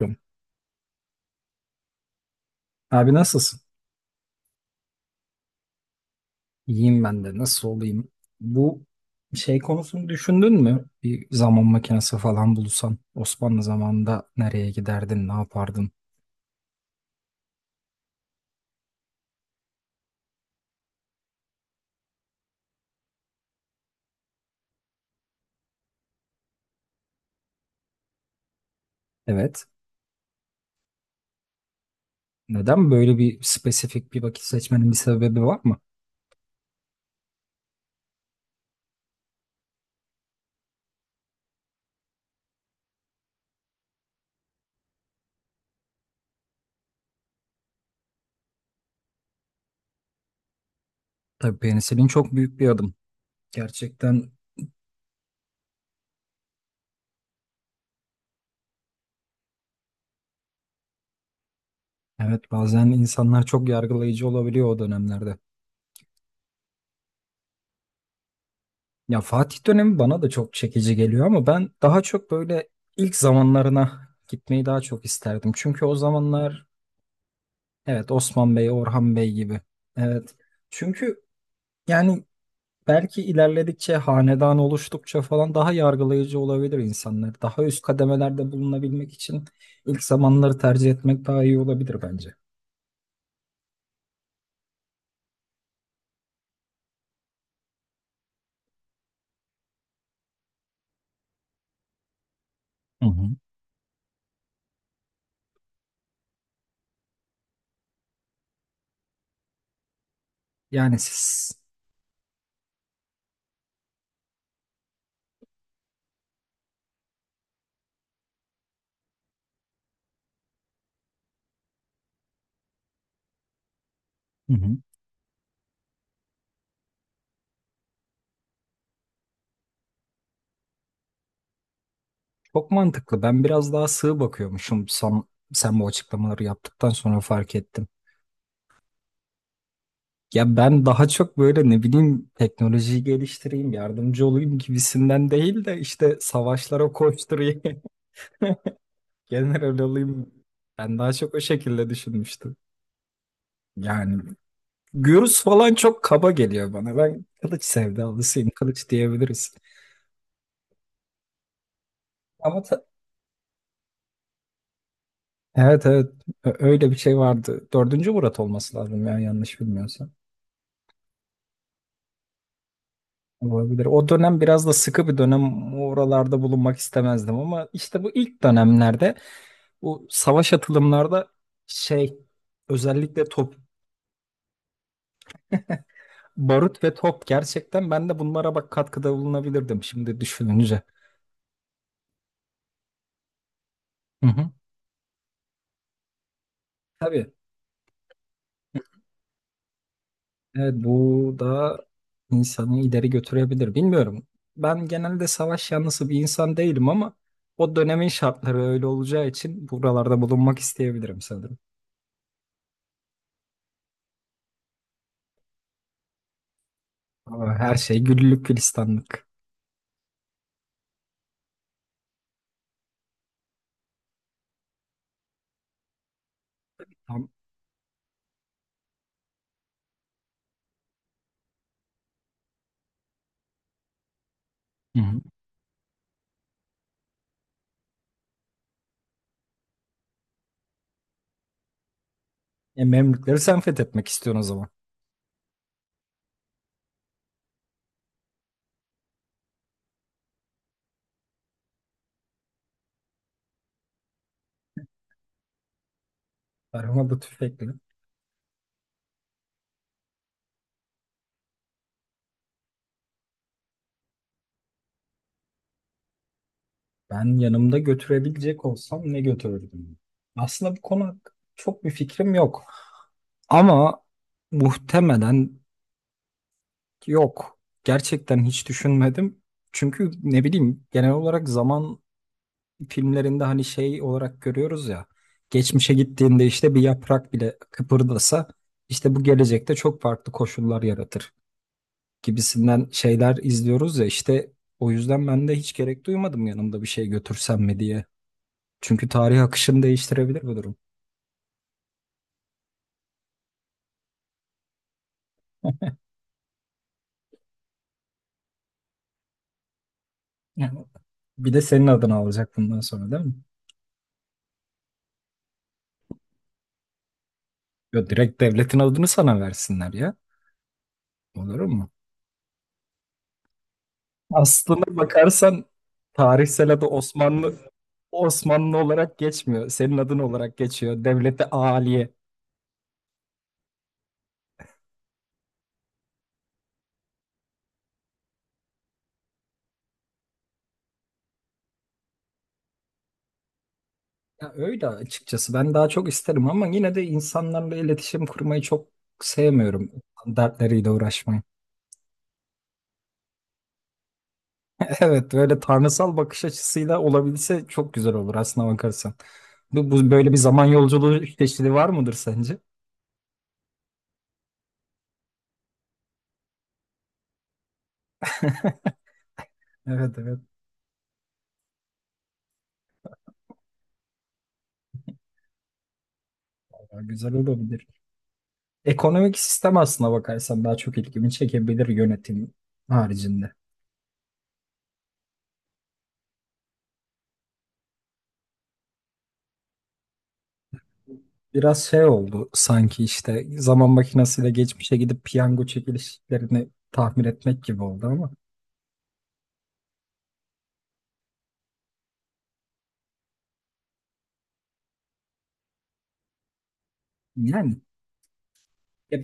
Yapıyorum. Abi nasılsın? İyiyim ben de. Nasıl olayım? Bu konusunu düşündün mü? Bir zaman makinesi falan bulsan Osmanlı zamanında nereye giderdin, ne yapardın? Evet. Neden böyle spesifik bir vakit seçmenin bir sebebi var mı? Tabii penisilin çok büyük bir adım. Gerçekten evet, bazen insanlar çok yargılayıcı olabiliyor o dönemlerde. Ya Fatih dönemi bana da çok çekici geliyor ama ben daha çok böyle ilk zamanlarına gitmeyi daha çok isterdim. Çünkü o zamanlar. Evet, Osman Bey, Orhan Bey gibi. Evet. Çünkü yani belki ilerledikçe, hanedan oluştukça falan daha yargılayıcı olabilir insanlar. Daha üst kademelerde bulunabilmek için ilk zamanları tercih etmek daha iyi olabilir bence. Hı hı. Yani siz. Hı hı. Çok mantıklı. Ben biraz daha sığ bakıyormuşum, sen bu açıklamaları yaptıktan sonra fark ettim. Ya ben daha çok böyle, ne bileyim, teknolojiyi geliştireyim, yardımcı olayım gibisinden değil de işte savaşlara koşturayım. General olayım. Ben daha çok o şekilde düşünmüştüm. Yani gürüz falan çok kaba geliyor bana. Ben kılıç sevdalısıyım. Kılıç diyebiliriz. Ama ta- evet evet, öyle bir şey vardı. Dördüncü Murat olması lazım ya, yanlış bilmiyorsam. Olabilir. O dönem biraz da sıkı bir dönem. Oralarda bulunmak istemezdim ama işte bu ilk dönemlerde, bu savaş atılımlarda, şey özellikle top, barut ve top, gerçekten ben de bunlara bak katkıda bulunabilirdim şimdi düşününce. Hı hı. Tabii. Evet, bu da insanı ileri götürebilir. Bilmiyorum. Ben genelde savaş yanlısı bir insan değilim ama o dönemin şartları öyle olacağı için buralarda bulunmak isteyebilirim sanırım. Ama her şey güllük gülistanlık. Tam. Hı hı. E, Memlükleri sen fethetmek istiyorsun o zaman. Tarhana tüfekle. Ben yanımda götürebilecek olsam ne götürürdüm? Aslında bu konu hakkında çok bir fikrim yok. Ama muhtemelen. Yok. Gerçekten hiç düşünmedim. Çünkü ne bileyim, genel olarak zaman filmlerinde hani şey olarak görüyoruz ya. Geçmişe gittiğinde işte bir yaprak bile kıpırdasa, işte bu gelecekte çok farklı koşullar yaratır gibisinden şeyler izliyoruz ya işte. O yüzden ben de hiç gerek duymadım yanımda bir şey götürsem mi diye. Çünkü tarih akışını değiştirebilir bu durum. Yani bir de senin adını alacak bundan sonra değil mi? Yo, direkt devletin adını sana versinler ya. Olur mu? Aslına bakarsan tarihsel adı Osmanlı, Osmanlı olarak geçmiyor. Senin adın olarak geçiyor. Devlete Aliye. Ya öyle açıkçası. Ben daha çok isterim ama yine de insanlarla iletişim kurmayı çok sevmiyorum. Dertleriyle uğraşmayı. Evet, böyle tanrısal bakış açısıyla olabilse çok güzel olur aslına bakarsan. Bu böyle bir zaman yolculuğu çeşidi var mıdır sence? Evet evet. Vallahi güzel olabilir. Ekonomik sistem aslına bakarsan daha çok ilgimi çekebilir, yönetim haricinde. Biraz şey oldu sanki, işte zaman makinesiyle geçmişe gidip piyango çekilişlerini tahmin etmek gibi oldu ama yani, ya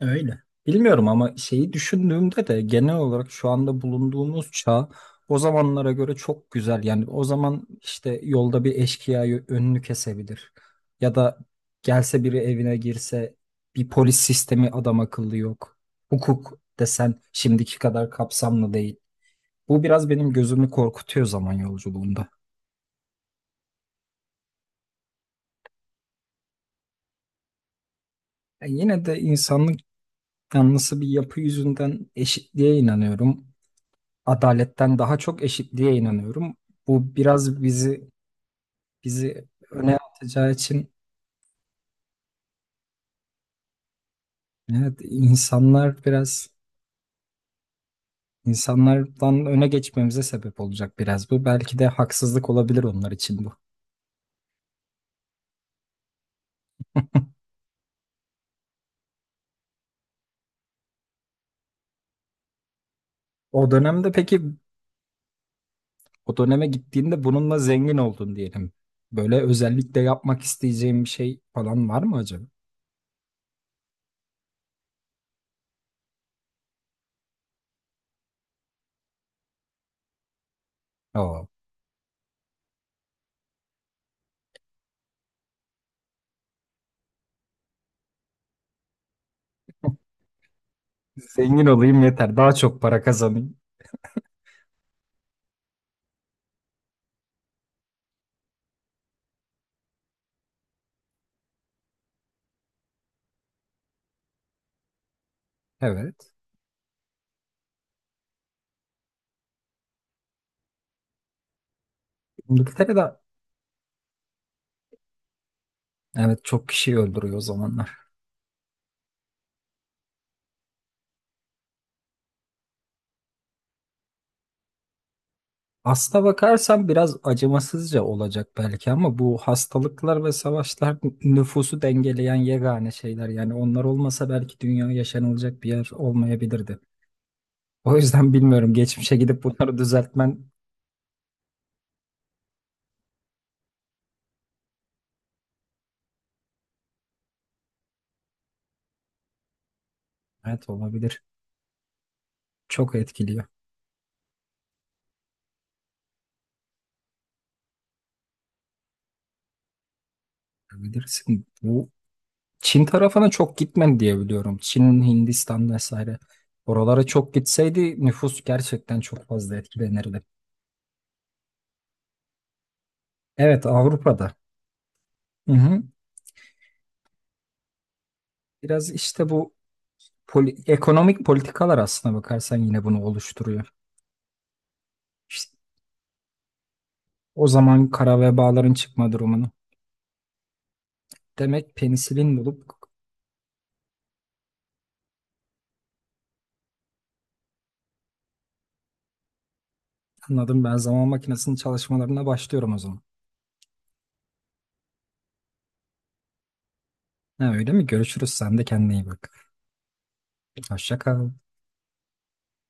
öyle. Bilmiyorum ama şeyi düşündüğümde de, genel olarak şu anda bulunduğumuz çağ o zamanlara göre çok güzel. Yani o zaman işte yolda bir eşkıya önünü kesebilir. Ya da gelse biri evine girse, bir polis sistemi adam akıllı yok. Hukuk desen şimdiki kadar kapsamlı değil. Bu biraz benim gözümü korkutuyor zaman yolculuğunda. Yani yine de insanlık yanlısı bir yapı yüzünden eşitliğe inanıyorum. Adaletten daha çok eşitliğe inanıyorum. Bu biraz bizi öne atacağı için, evet, insanlar biraz, insanlardan öne geçmemize sebep olacak biraz bu. Belki de haksızlık olabilir onlar için bu. O dönemde peki, o döneme gittiğinde bununla zengin oldun diyelim. Böyle özellikle yapmak isteyeceğim bir şey falan var mı acaba? Oo. Zengin olayım yeter. Daha çok para kazanayım. Evet. İngiltere'de, evet, çok kişi öldürüyor o zamanlar. Aslına bakarsan biraz acımasızca olacak belki ama bu hastalıklar ve savaşlar nüfusu dengeleyen yegane şeyler. Yani onlar olmasa belki dünya yaşanılacak bir yer olmayabilirdi. O yüzden bilmiyorum. Geçmişe gidip bunları düzeltmen. Evet, olabilir. Çok etkiliyor. Bilirsin. Bu Çin tarafına çok gitmedi diye biliyorum. Çin, Hindistan vesaire. Oralara çok gitseydi nüfus gerçekten çok fazla etkilenirdi. Evet, Avrupa'da. Hı hı. Biraz işte bu ekonomik politikalar aslına bakarsan yine bunu oluşturuyor. İşte o zaman kara vebaların çıkma durumunu. Demek penisilin bulup, anladım, ben zaman makinesinin çalışmalarına başlıyorum o zaman. Ha, öyle mi? Görüşürüz. Sen de kendine iyi bak. Hoşça kal.